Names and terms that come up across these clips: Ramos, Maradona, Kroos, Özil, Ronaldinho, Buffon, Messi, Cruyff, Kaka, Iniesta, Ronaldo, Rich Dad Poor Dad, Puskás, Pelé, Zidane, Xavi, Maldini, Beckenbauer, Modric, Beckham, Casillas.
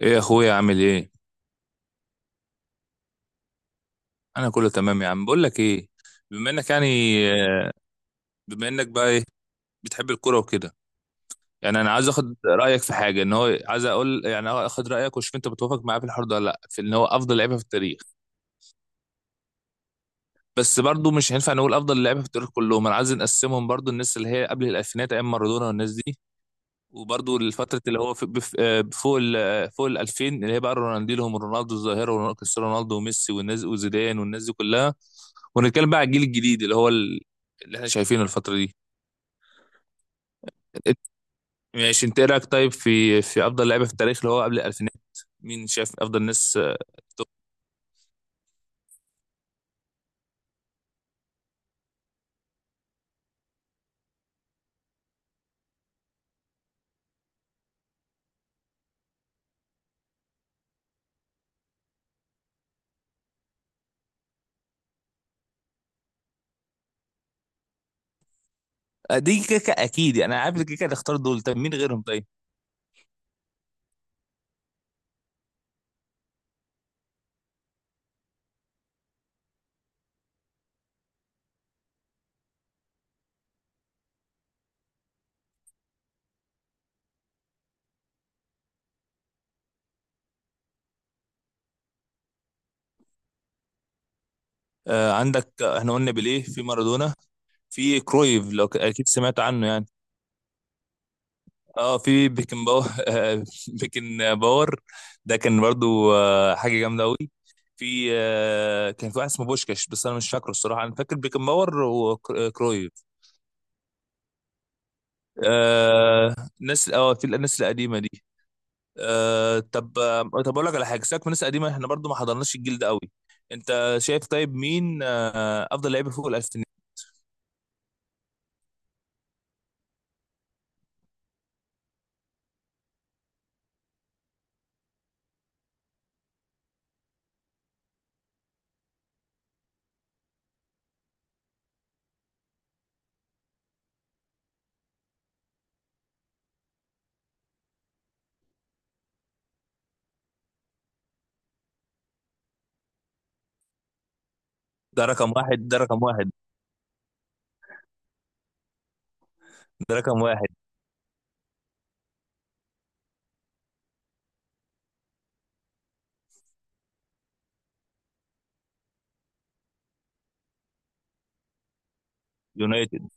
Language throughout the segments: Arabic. ايه يا اخويا، عامل ايه؟ انا كله تمام يا عم. بقول لك ايه، بما انك يعني، آه، بما انك بقى ايه، بتحب الكوره وكده. يعني انا عايز اخد رايك في حاجه، ان هو عايز اقول يعني اخد رايك واشوف انت بتوافق معايا في الحوار ده ولا لا، في ان هو افضل لعيبه في التاريخ. بس برضو مش هينفع نقول افضل لعيبه في التاريخ كلهم، انا عايز نقسمهم برضو، الناس اللي هي قبل الالفينات ايام مارادونا والناس دي. وبرضو الفتره اللي هو في فوق ال آه، فوق ال 2000 اللي هي بقى رونالدينو ورونالدو الظاهره وكريستيانو رونالدو وميسي والناس وزيدان والناس دي كلها. ونتكلم بقى على الجيل الجديد اللي احنا شايفينه الفترة دي. إت- ماشي، انت ايه رايك طيب في افضل لعيبة في التاريخ اللي هو قبل الالفينات، مين شايف افضل ناس؟ دي كيكا اكيد، يعني انا عارف إن كيكا اللي اختار دول. طب مين غيرهم طيب؟ آه عندك، احنا قلنا بيليه في مارادونا، في كرويف، اكيد سمعت عنه يعني. اه في بيكن باور بيكن باور ده كان برضو حاجة جامدة قوي. في كان في واحد اسمه بوشكاش، بس انا مش فاكره الصراحة، انا فاكر بيكن باور وكرويف. آه ناس، اه في الناس القديمه دي. آه، طب اقول لك على حاجه، سيبك من الناس القديمه احنا برضو ما حضرناش الجيل ده قوي. انت شايف طيب مين افضل لعيب فوق الالفينات؟ ده رقم واحد، ده رقم واحد، ده رقم واحد. يونايتد.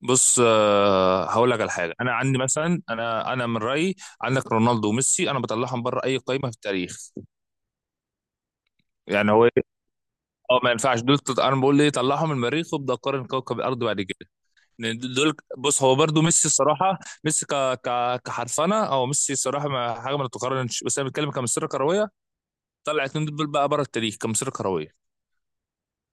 بص، هقول لك على حاجه، انا عندي مثلا، انا من رايي، عندك رونالدو وميسي انا بطلعهم بره اي قائمه في التاريخ. يعني هو إيه؟ اه، ما ينفعش دول انا بقول ليه، طلعهم من المريخ وابدا قارن كوكب الارض بعد كده. لأن دول بص هو برضو ميسي الصراحه، ميسي ك ك كحرفنه، او ميسي الصراحه ما حاجه ما تتقارنش، بس انا بتكلم كمسيره كرويه. طلع اتنين دول بقى بره التاريخ كمسيره كرويه.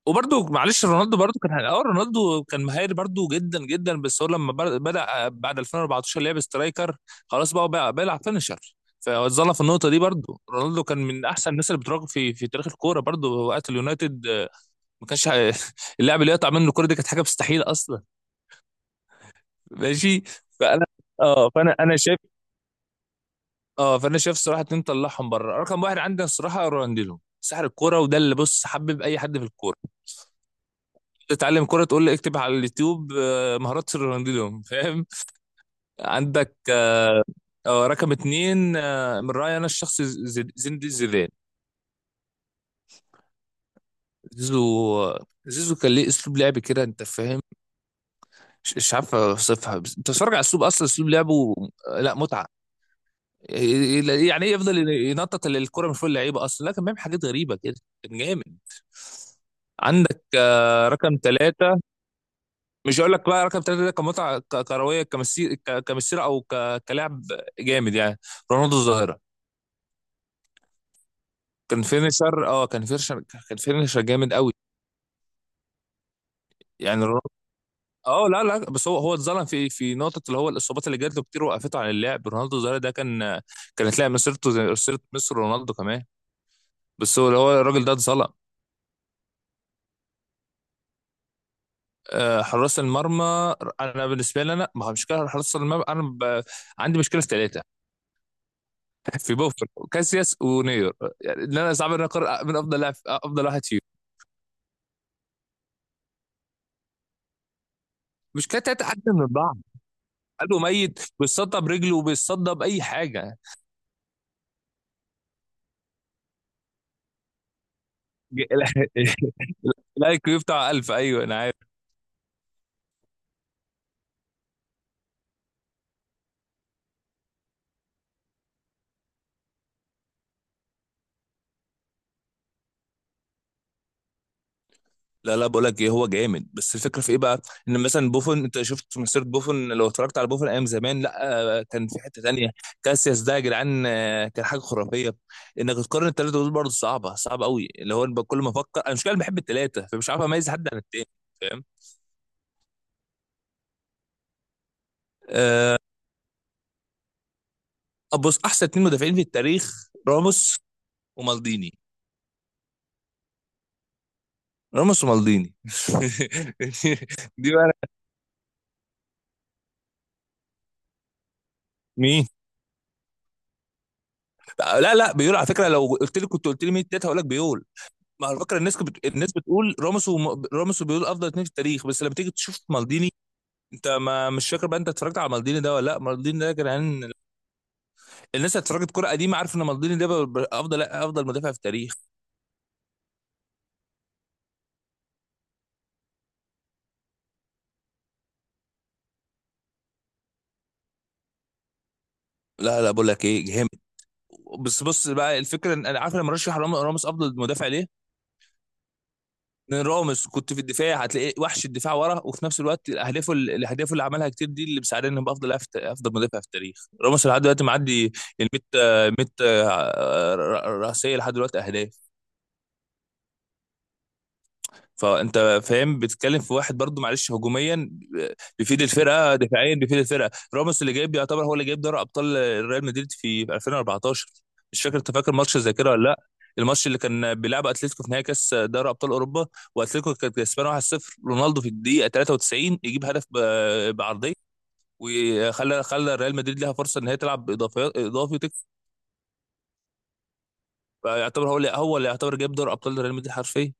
وبرضو معلش رونالدو برضو كان اه، رونالدو كان مهاري برضو جدا جدا، بس هو لما بدا بعد 2014 لعب سترايكر، خلاص بقى بيلعب فينشر. فاتظلم في النقطه دي، برضو رونالدو كان من احسن الناس اللي بتراقب في تاريخ الكوره برضو، وقت اليونايتد. ما كانش اللاعب اللي يقطع منه الكوره، دي كانت حاجه مستحيله اصلا. ماشي، فانا، اه فانا شايف، اه فانا شايف الصراحه، اتنين طلعهم بره، رقم واحد عندنا الصراحه رونالدينو، سحر الكوره، وده اللي بص حبب اي حد في الكوره. تتعلم كوره، تقول لي اكتب على اليوتيوب مهارات رونالدينو، فاهم. عندك رقم اتنين، من رايي انا الشخص زين دي، زيدان. زيزو، زيزو كان ليه اسلوب لعب كده انت فاهم، مش عارف اوصفها، بس انت بتتفرج على اسلوب، اصلا اسلوب لعبه لا متعه. يعني ايه يفضل ينطط الكرة من فوق اللعيبه اصلا، لا كان بيعمل حاجات غريبه كده، كان جامد. عندك رقم ثلاثه. مش هقول لك بقى رقم ثلاثه ده كمتعه كرويه، كمسيره، او كلاعب جامد يعني. رونالدو الظاهره، كان فينيشر، اه كان فينيشر، كان فينيشر جامد قوي يعني. رونالدو، اه، لا لا بس هو اتظلم في نقطه اللي هو الاصابات، اللي جات له كتير وقفته عن اللعب. رونالدو الظاهره ده كان، كانت لاعب مسيرته زي مسيره مصر، رونالدو كمان. بس هو الراجل ده اتظلم. حراس المرمى، انا بالنسبه لي انا، ما هو مشكله حراس المرمى، انا ب... عندي مشكله في ثلاثه، في بوفر وكاسياس ونير. يعني ان انا صعب ان أنا اقرر من افضل لاعب، افضل واحد فيهم. مشكله ثلاثه احسن من بعض. قالوا ميت، بيتصدى برجله وبيتصدى باي حاجه. الاي كيو بتاع 1000، ايوه انا. لا لا بقول لك ايه، هو جامد، بس الفكره في ايه بقى؟ ان مثلا بوفون، انت شفت مسيره بوفون؟ لو اتفرجت على بوفون ايام زمان، لا كان في حته تانية. كاسياس ده يا جدعان، كان حاجه خرافيه. انك تقارن الثلاثه دول برضه صعبه، صعبه قوي، اللي هو بقى كل ما افكر انا مش كده، بحب الثلاثه فمش عارف اميز حد عن التاني. فاهم. آه، ابص، احسن اتنين مدافعين في التاريخ راموس ومالديني. راموس ومالديني. دي بقى مين؟ لا لا، بيقول على فكره، لو قلت لي كنت قلت لي مين التالت هقول لك بيقول، ما على فكره الناس الناس بتقول راموس راموس بيقول افضل اتنين في التاريخ، بس لما تيجي تشوف مالديني. انت ما مش فاكر بقى، انت اتفرجت على مالديني ده ولا لا؟ مالديني ده كان الناس اللي اتفرجت كوره قديمه عارف ان مالديني ده افضل مدافع في التاريخ. لا لا بقول لك ايه جامد. بس بص بقى، الفكره ان انا عارف لما رشح راموس افضل مدافع ليه. راموس كنت في الدفاع هتلاقي وحش الدفاع ورا، وفي نفس الوقت الاهداف، اللي عملها كتير دي اللي مساعدني يبقى افضل افضل مدافع في التاريخ راموس، لحد دلوقتي معدي ال 100، 100 رأسية لحد دلوقتي اهداف. فانت فاهم بتتكلم في واحد برضو معلش، هجوميا بيفيد الفرقه، دفاعيا بيفيد الفرقه. راموس اللي جايب، يعتبر هو اللي جايب دوري ابطال ريال مدريد في 2014. مش فاكر، انت فاكر ماتش زي كده ولا لا؟ الماتش اللي كان بيلعب اتلتيكو في نهائي كاس دوري ابطال اوروبا، واتلتيكو كانت كسبانه 1-0، رونالدو في الدقيقه 93 يجيب هدف بعرضيه، وخلى ريال مدريد لها فرصه ان هي تلعب اضافي، وتكسب. فيعتبر هو اللي يعتبر جايب دوري ابطال ريال مدريد حرفيا.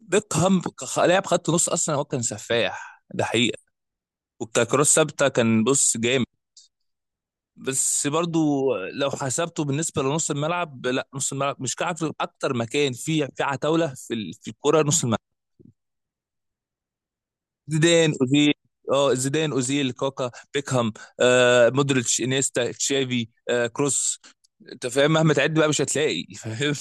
بيكهام لاعب خط نص اصلا، هو كان سفاح، ده حقيقه، والكروس ثابته كان بص جامد. بس برضو لو حسبته بالنسبه لنص الملعب، لا نص الملعب مش كعب، اكتر مكان فيه في عتاوله في في الكوره نص الملعب. زيدان، اوزيل، اه زيدان اوزيل كاكا بيكهام آه مودريتش انيستا تشافي آه كروس. انت فاهم مهما تعد بقى مش هتلاقي فاهم.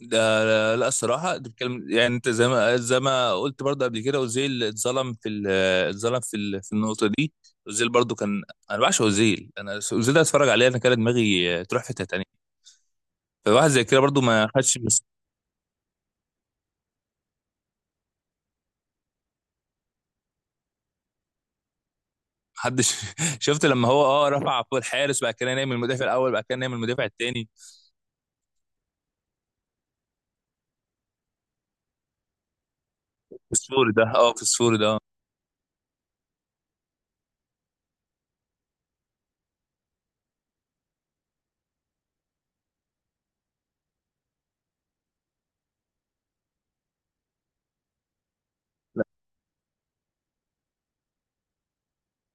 ده لا لا، الصراحة انت بتتكلم يعني انت زي ما قلت برضه قبل كده، اوزيل اتظلم في في النقطة دي. اوزيل برضه كان، انا بعشق اوزيل، انا اوزيل ده اتفرج عليه انا، كان دماغي تروح في حتة تانية. فواحد زي كده برضه ما خدش محدش. شفت لما هو اه رفع فوق الحارس، بعد كده نايم المدافع الاول، بعد كده نايم المدافع التاني. في السوري ده، اه في السوري ده.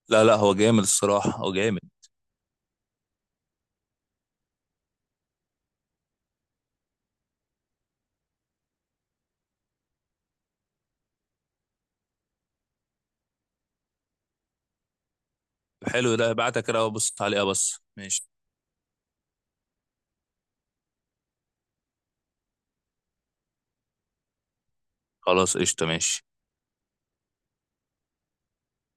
لا لا هو جامد الصراحة، هو جامد. حلو ده، بعتها كده بص عليه بس، ماشي. خلاص قشطة، ماشي.